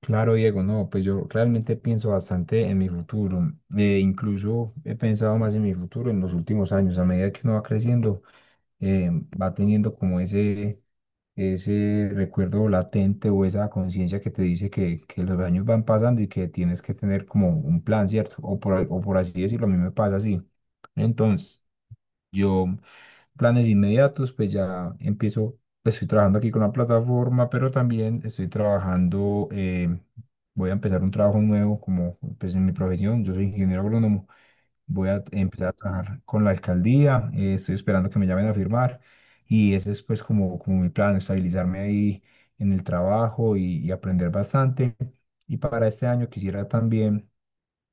Claro, Diego, no, pues yo realmente pienso bastante en mi futuro. Incluso he pensado más en mi futuro en los últimos años. A medida que uno va creciendo, eh, va teniendo como ese recuerdo latente o esa conciencia que te dice que los años van pasando y que tienes que tener como un plan, ¿cierto? O o por así decirlo, a mí me pasa así. Entonces, yo planes inmediatos, pues ya empiezo, pues, estoy trabajando aquí con la plataforma, pero también estoy trabajando, voy a empezar un trabajo nuevo como pues en mi profesión, yo soy ingeniero agrónomo, voy a empezar a trabajar con la alcaldía, estoy esperando que me llamen a firmar y ese es pues como, como mi plan, estabilizarme ahí en el trabajo y aprender bastante. Y para este año quisiera también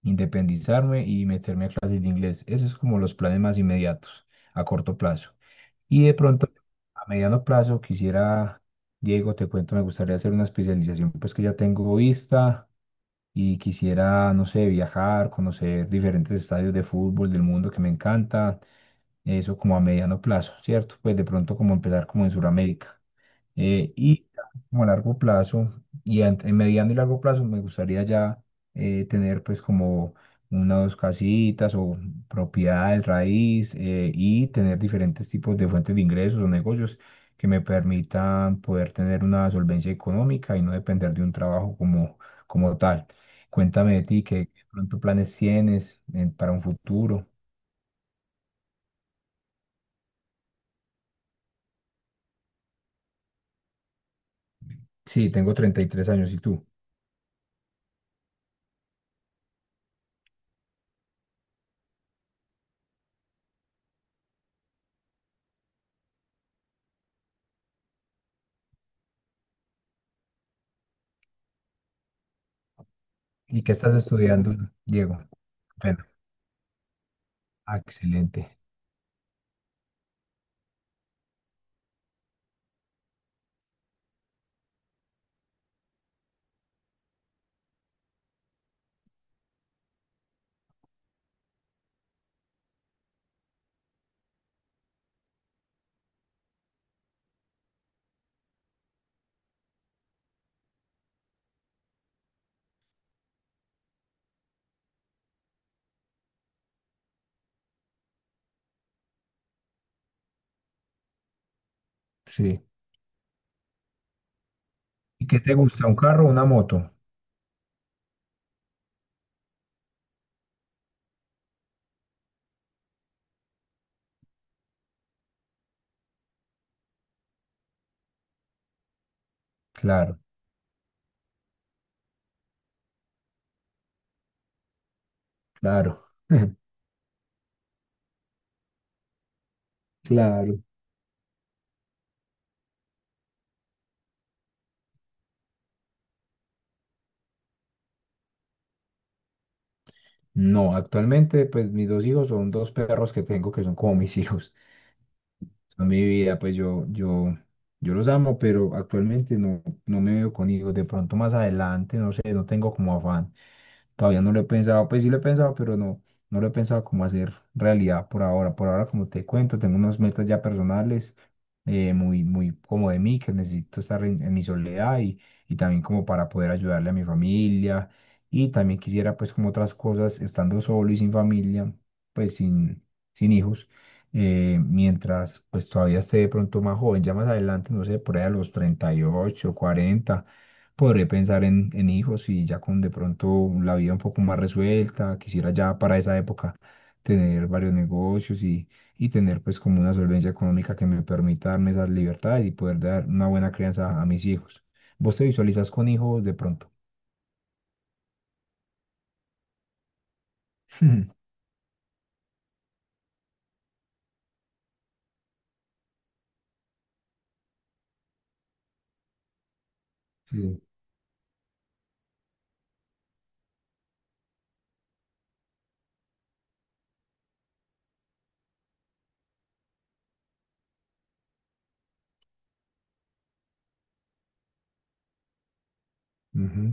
independizarme y meterme a clases de inglés. Esos es como los planes más inmediatos, a corto plazo. Y de pronto a mediano plazo quisiera, Diego, te cuento, me gustaría hacer una especialización, pues que ya tengo vista y quisiera, no sé, viajar, conocer diferentes estadios de fútbol del mundo que me encanta, eso como a mediano plazo, ¿cierto? Pues de pronto como empezar como en Sudamérica. Y como a largo plazo, y en mediano y largo plazo, me gustaría ya tener pues como una o dos casitas o propiedades raíz y tener diferentes tipos de fuentes de ingresos o negocios que me permitan poder tener una solvencia económica y no depender de un trabajo como, como tal. Cuéntame de ti, ¿qué pronto planes tienes para un futuro? Sí, tengo 33 años, ¿y tú? ¿Y qué estás estudiando, Diego? Bueno, excelente. Sí. ¿Y qué te gusta? ¿Un carro o una moto? Claro, claro, claro. No, actualmente pues mis dos hijos son dos perros que tengo que son como mis hijos. Son mi vida, pues yo los amo, pero actualmente no, no me veo con hijos. De pronto más adelante, no sé, no tengo como afán. Todavía no lo he pensado, pues sí lo he pensado, pero no, no lo he pensado como hacer realidad por ahora. Por ahora, como te cuento, tengo unas metas ya personales, muy, muy como de mí, que necesito estar en mi soledad y también como para poder ayudarle a mi familia. Y también quisiera, pues como otras cosas, estando solo y sin familia, pues sin, sin hijos, mientras pues todavía esté de pronto más joven, ya más adelante, no sé, por ahí a los 38, cuarenta. Podré pensar en hijos y ya con de pronto la vida un poco más resuelta. Quisiera ya para esa época tener varios negocios y tener pues como una solvencia económica que me permita darme esas libertades y poder dar una buena crianza a mis hijos. ¿Vos te visualizas con hijos de pronto? Sí. Ujú.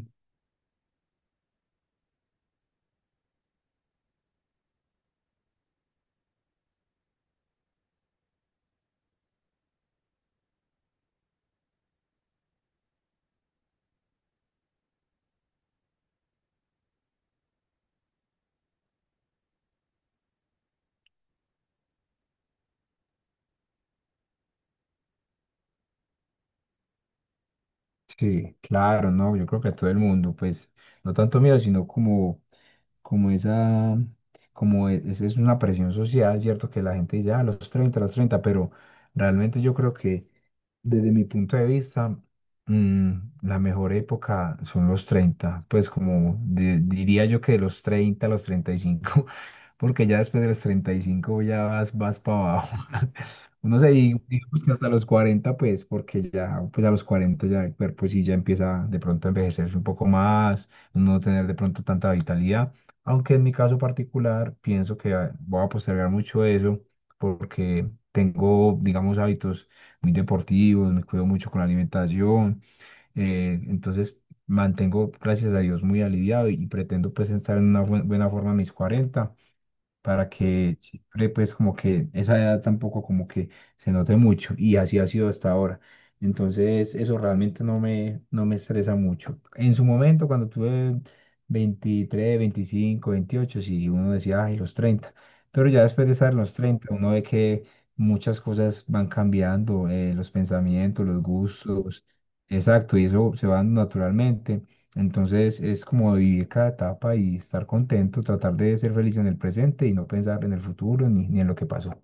Sí, claro, no, yo creo que a todo el mundo, pues, no tanto miedo, sino como, como esa, como es una presión social, ¿cierto? Que la gente dice, ah, los 30, pero realmente yo creo que desde mi punto de vista, mm, la mejor época son los 30, pues como diría yo que de los 30 a los 35 porque ya después de los 35 ya vas, vas para abajo. Uno se digamos que hasta los 40 pues, porque ya, pues a los 40 ya el cuerpo sí ya empieza de pronto a envejecerse un poco más, no tener de pronto tanta vitalidad. Aunque en mi caso particular, pienso que voy a postergar mucho eso, porque tengo, digamos, hábitos muy deportivos, me cuido mucho con la alimentación, entonces mantengo, gracias a Dios, muy aliviado y pretendo pues estar en una buena forma a mis 40 para que siempre pues como que esa edad tampoco como que se note mucho y así ha sido hasta ahora. Entonces eso realmente no me, no me estresa mucho. En su momento cuando tuve 23, 25, 28, sí, uno decía, ay, los 30, pero ya después de estar en los 30 uno ve que muchas cosas van cambiando, los pensamientos, los gustos, exacto, y eso se va dando naturalmente. Entonces es como vivir cada etapa y estar contento, tratar de ser feliz en el presente y no pensar en el futuro ni, ni en lo que pasó.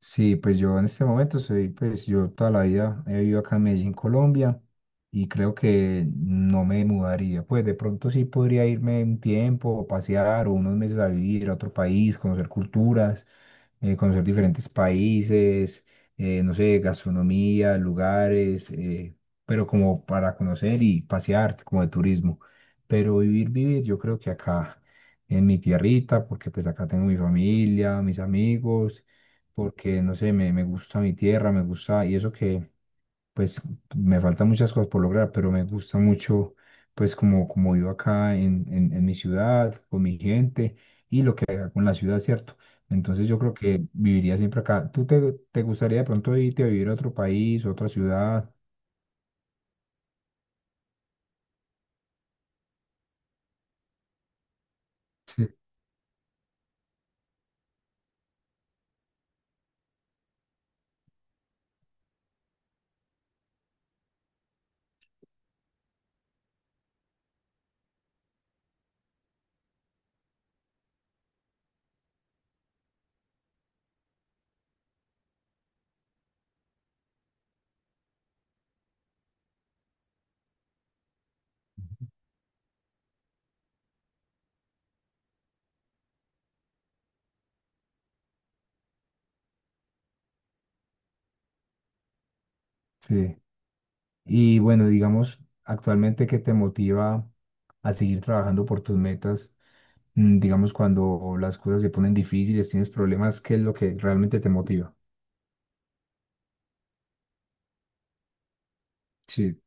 Sí, pues yo en este momento soy, pues yo toda la vida he vivido acá en Medellín, Colombia, y creo que no me mudaría. Pues de pronto sí podría irme un tiempo, o pasear, o unos meses a vivir a otro país, conocer culturas, conocer diferentes países, no sé, gastronomía, lugares, pero como para conocer y pasear, como de turismo. Pero vivir, vivir, yo creo que acá, en mi tierrita, porque pues acá tengo mi familia, mis amigos porque, no sé, me gusta mi tierra, me gusta, y eso que, pues, me faltan muchas cosas por lograr, pero me gusta mucho, pues, como, como vivo acá en mi ciudad, con mi gente, y lo que haga con la ciudad, ¿cierto? Entonces yo creo que viviría siempre acá. Te gustaría de pronto irte a vivir a otro país, otra ciudad? Sí. Sí. Y bueno, digamos, actualmente, ¿qué te motiva a seguir trabajando por tus metas? Digamos, cuando las cosas se ponen difíciles, tienes problemas, ¿qué es lo que realmente te motiva? Sí,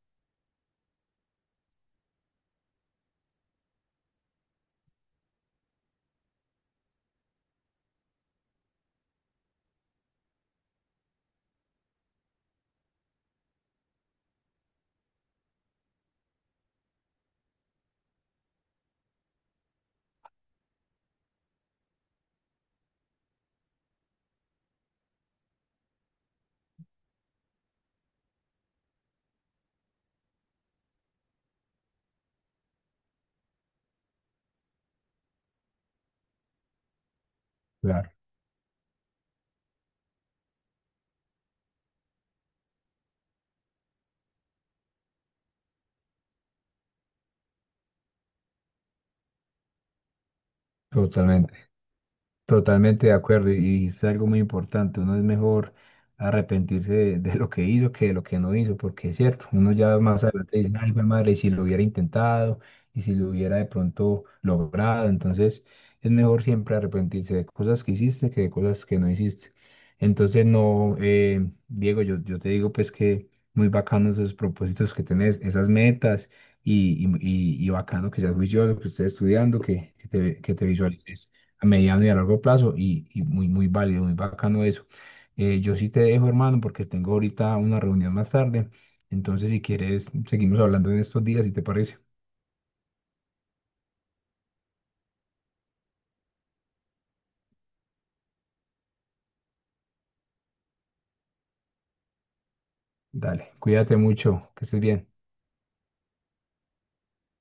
claro. Totalmente de acuerdo, y es algo muy importante. Uno es mejor arrepentirse de lo que hizo que de lo que no hizo, porque es cierto, uno ya más adelante dice, ay, jue madre, y si lo hubiera intentado, y si lo hubiera de pronto logrado. Entonces, es mejor siempre arrepentirse de cosas que hiciste que de cosas que no hiciste. Entonces, no, Diego, yo te digo, pues que muy bacano esos propósitos que tenés, esas metas, y bacano que seas juicioso, que estés estudiando, que que te visualices a mediano y a largo plazo y muy, muy válido, muy bacano eso. Yo sí te dejo, hermano, porque tengo ahorita una reunión más tarde. Entonces, si quieres, seguimos hablando en estos días, si te parece. Dale, cuídate mucho, que estés bien.